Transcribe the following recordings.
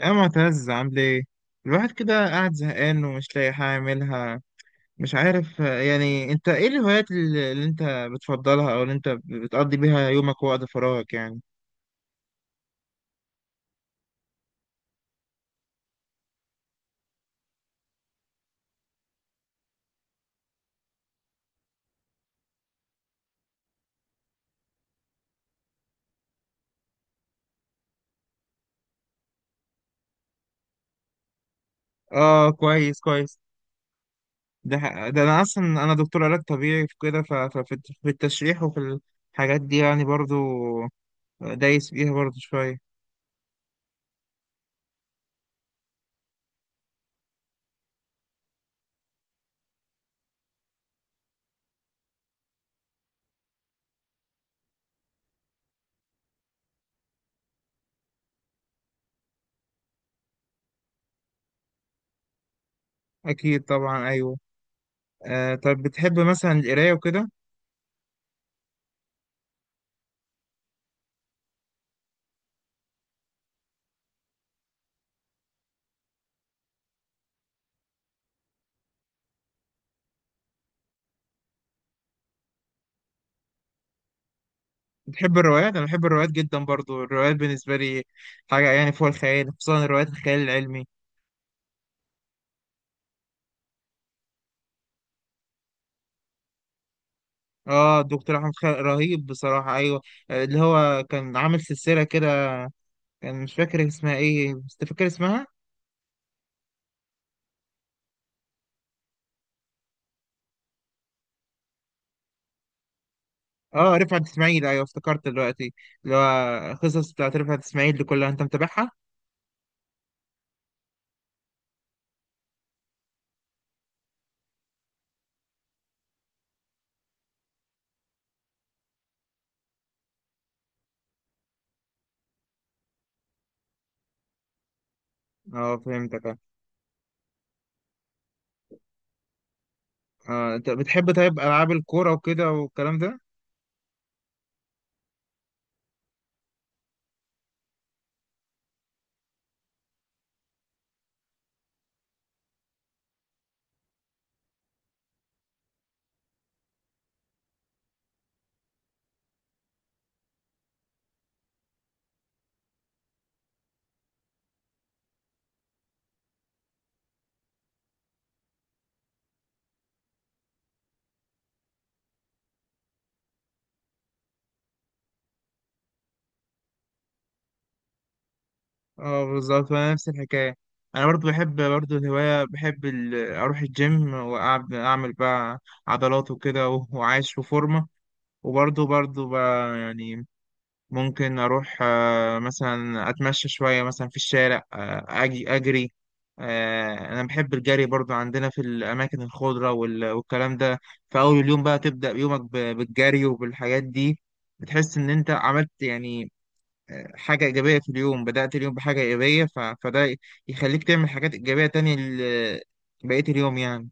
يا معتز، عامل ايه؟ الواحد كده قاعد زهقان ومش لاقي حاجة يعملها. مش عارف. يعني انت ايه الهوايات اللي انت بتفضلها او اللي انت بتقضي بيها يومك ووقت فراغك يعني؟ اه، كويس كويس. ده انا اصلا انا دكتور علاج طبيعي في كده، ففي في التشريح وفي الحاجات دي يعني، برضو دايس فيها برضو شوية. اكيد طبعا، ايوه. طب بتحب مثلا القراية وكده؟ بتحب الروايات؟ انا بحب الروايات جدا برضو. الروايات بالنسبه لي حاجه يعني فوق الخيال، خصوصا الروايات الخيال العلمي. اه، الدكتور احمد خالد رهيب بصراحه، ايوه. اللي هو كان عامل سلسله كده، كان مش فاكر اسمها ايه بس فاكر اسمها. اه، رفعت اسماعيل، ايوه، افتكرت دلوقتي. اللي هو قصص بتاعت رفعت اسماعيل دي كلها انت متابعها؟ اه، فهمتك، اه. انت بتحب طيب العاب الكوره وكده والكلام ده؟ اه، بالظبط. وانا نفس الحكايه، انا برضو بحب، برضو الهوايه، بحب اروح الجيم، واعمل، بقى عضلات وكده، وعايش وفورمه. وبرضو بقى، يعني ممكن اروح مثلا اتمشى شويه، مثلا في الشارع، اجري. انا بحب الجري برضو، عندنا في الاماكن الخضره والكلام ده. في اول اليوم بقى تبدا يومك بالجري وبالحاجات دي، بتحس ان انت عملت يعني حاجة إيجابية في اليوم. بدأت اليوم بحاجة إيجابية، فده يخليك تعمل حاجات إيجابية تانية بقية اليوم يعني.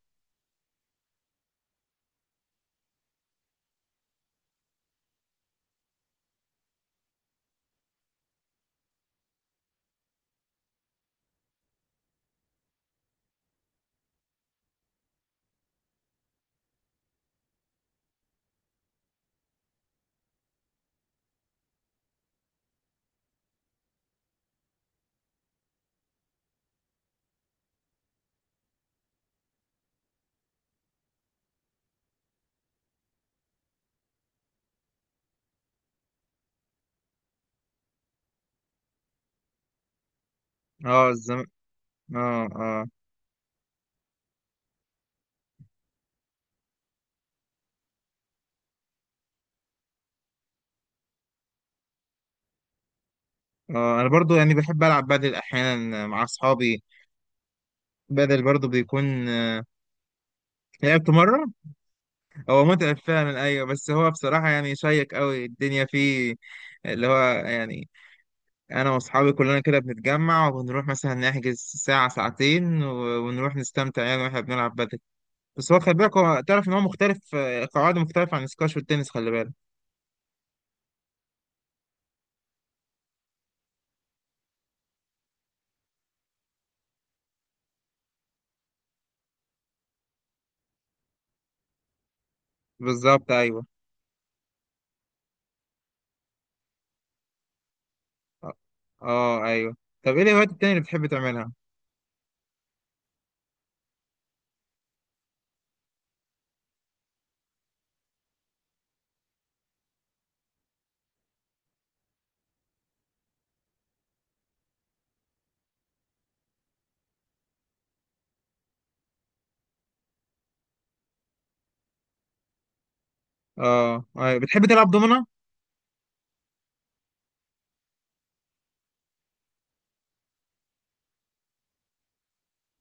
اه، اه، اه. اه، أنا برضو يعني بحب ألعب بدل أحيانا مع أصحابي، بدل برضو بيكون. لعبت مرة، هو متعب فعلا، أيوة. بس هو بصراحة يعني شيق أوي، الدنيا فيه اللي هو يعني. أنا وأصحابي كلنا كده بنتجمع وبنروح مثلا نحجز ساعة ساعتين، ونروح نستمتع يعني وإحنا بنلعب بدل. بس هو خلي بالك، هو تعرف ان هو مختلف، قواعده مختلفه عن السكواش والتنس، خلي بالك. بالظبط، ايوه. اه، آه، ايوه. طب ايه الهوايات التانية اللي بتحب تعملها؟ اه، بتحب تلعب دومنة؟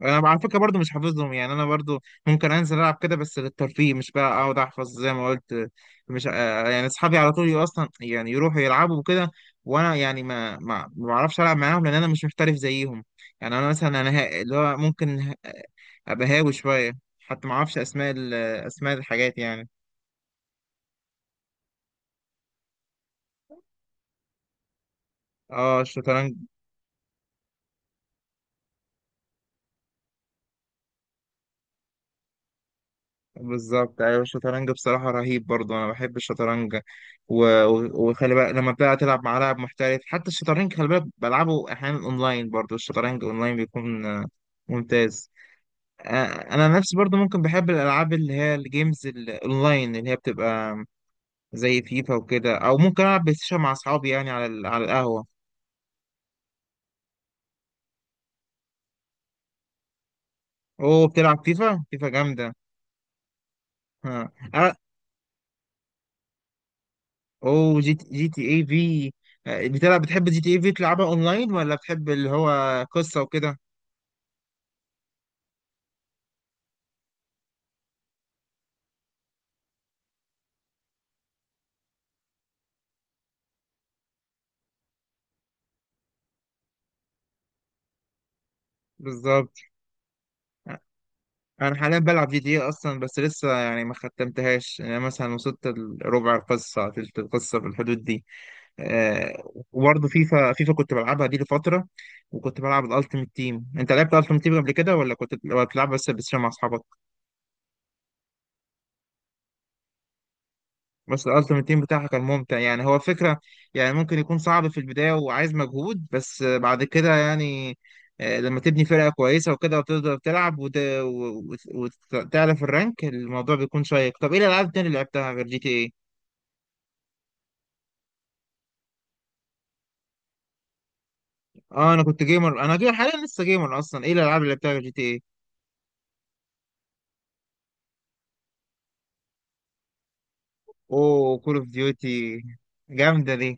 انا على فكره برضو مش حافظهم، يعني انا برضو ممكن انزل العب كده بس للترفيه، مش بقى اقعد احفظ زي ما قلت. مش، يعني اصحابي على طول اصلا يعني يروحوا يلعبوا وكده، وانا يعني ما بعرفش العب معاهم لان انا مش محترف زيهم. يعني انا مثلا انا اللي هو ممكن ابقى هاوي شويه، حتى ما اعرفش اسماء اسماء الحاجات يعني. اه، الشطرنج. بالظبط، ايوه. الشطرنج بصراحه رهيب برضو، انا بحب الشطرنج. وخلي بالك لما بقى تلعب مع لاعب محترف، حتى الشطرنج خلي بالك، بلعبه احيانا اونلاين، برضو الشطرنج اونلاين بيكون ممتاز. آه، انا نفسي برضو ممكن بحب الالعاب اللي هي الجيمز الاونلاين، اللي هي بتبقى زي فيفا وكده، او ممكن العب بلاي ستيشن مع اصحابي، يعني على على القهوه. اوه، بتلعب فيفا؟ فيفا جامده! آه. اوه، جي تي اي في. بتحب جي تي اي في؟ تلعبها اونلاين ولا بتحب اللي هو قصة وكده؟ بالظبط. انا حاليا بلعب جي تي اي اصلا، بس لسه يعني ما ختمتهاش. يعني انا مثلا وصلت ربع القصة، تلت القصة في الحدود دي. وبرضه فيفا، فيفا كنت بلعبها دي لفترة، وكنت بلعب الالتيميت تيم. انت لعبت الالتيميت تيم قبل كده ولا كنت بتلعب بس مع اصحابك؟ بس الالتيميت تيم بتاعها كان ممتع، يعني هو فكرة، يعني ممكن يكون صعب في البداية وعايز مجهود، بس بعد كده يعني لما تبني فرقة كويسة وكده، وتقدر تلعب وتعلى في الرانك، الموضوع بيكون شيق. طب ايه الالعاب التانية اللي لعبتها غير جي تي ايه؟ اه، انا كنت جيمر، انا جيمر حاليا لسه، جيمر اصلا. ايه الالعاب اللي لعبتها غير جي تي ايه؟ اوه، كول اوف ديوتي! جامدة دي.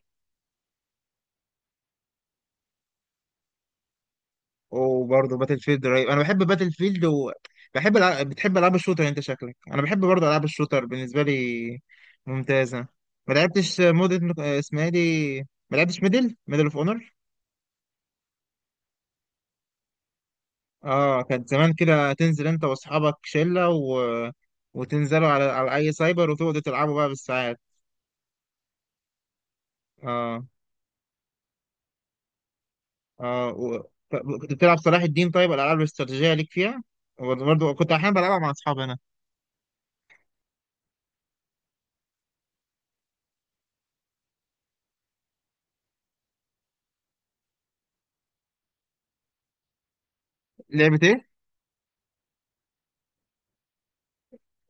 وبرضه باتل فيلد رهيب، انا بحب باتل فيلد، وبحب بتحب العاب الشوتر انت، شكلك انا بحب برضه العاب الشوتر، بالنسبه لي ممتازه. ما لعبتش مود اسمها إيه دي، ما لعبتش ميدل اوف اونر؟ اه، كانت زمان كده تنزل انت واصحابك شله، وتنزلوا على اي سايبر وتقعدوا تلعبوا بقى بالساعات. اه. اه، كنت بتلعب صلاح الدين؟ طيب الالعاب الاستراتيجيه ليك فيها، برضه كنت احيانا بلعبها مع اصحابي انا. لعبه ايه؟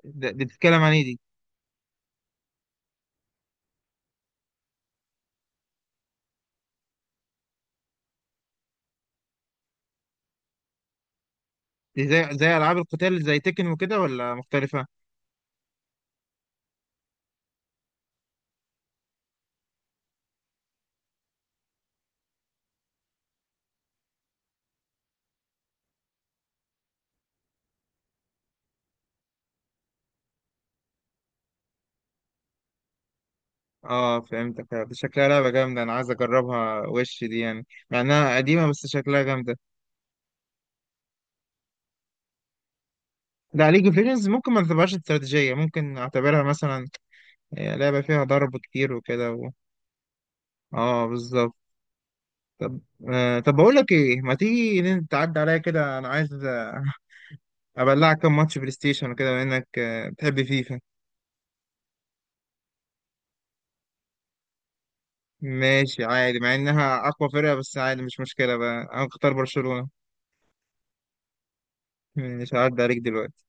دي بتتكلم عن ايه دي؟ دي زي العاب القتال زي تكن وكده، ولا مختلفه؟ اه، فهمتك. دي شكلها لعبه جامده، انا عايز اجربها وش دي، يعني مع انها قديمه بس شكلها جامده. لا، ليج اوف ليجندز ممكن ما تعتبرهاش استراتيجيه، ممكن اعتبرها مثلا لعبه فيها ضرب كتير وكده و... اه، بالظبط. طب، طب بقول لك ايه، ما تيجي تعدي عليا كده، انا عايز ابلعك كام ماتش بلاي ستيشن وكده، بما انك بتحب فيفا. ماشي عادي، مع انها اقوى فرقه، بس عادي مش مشكله بقى، انا اختار برشلونه. مش هعدي عليك دلوقتي.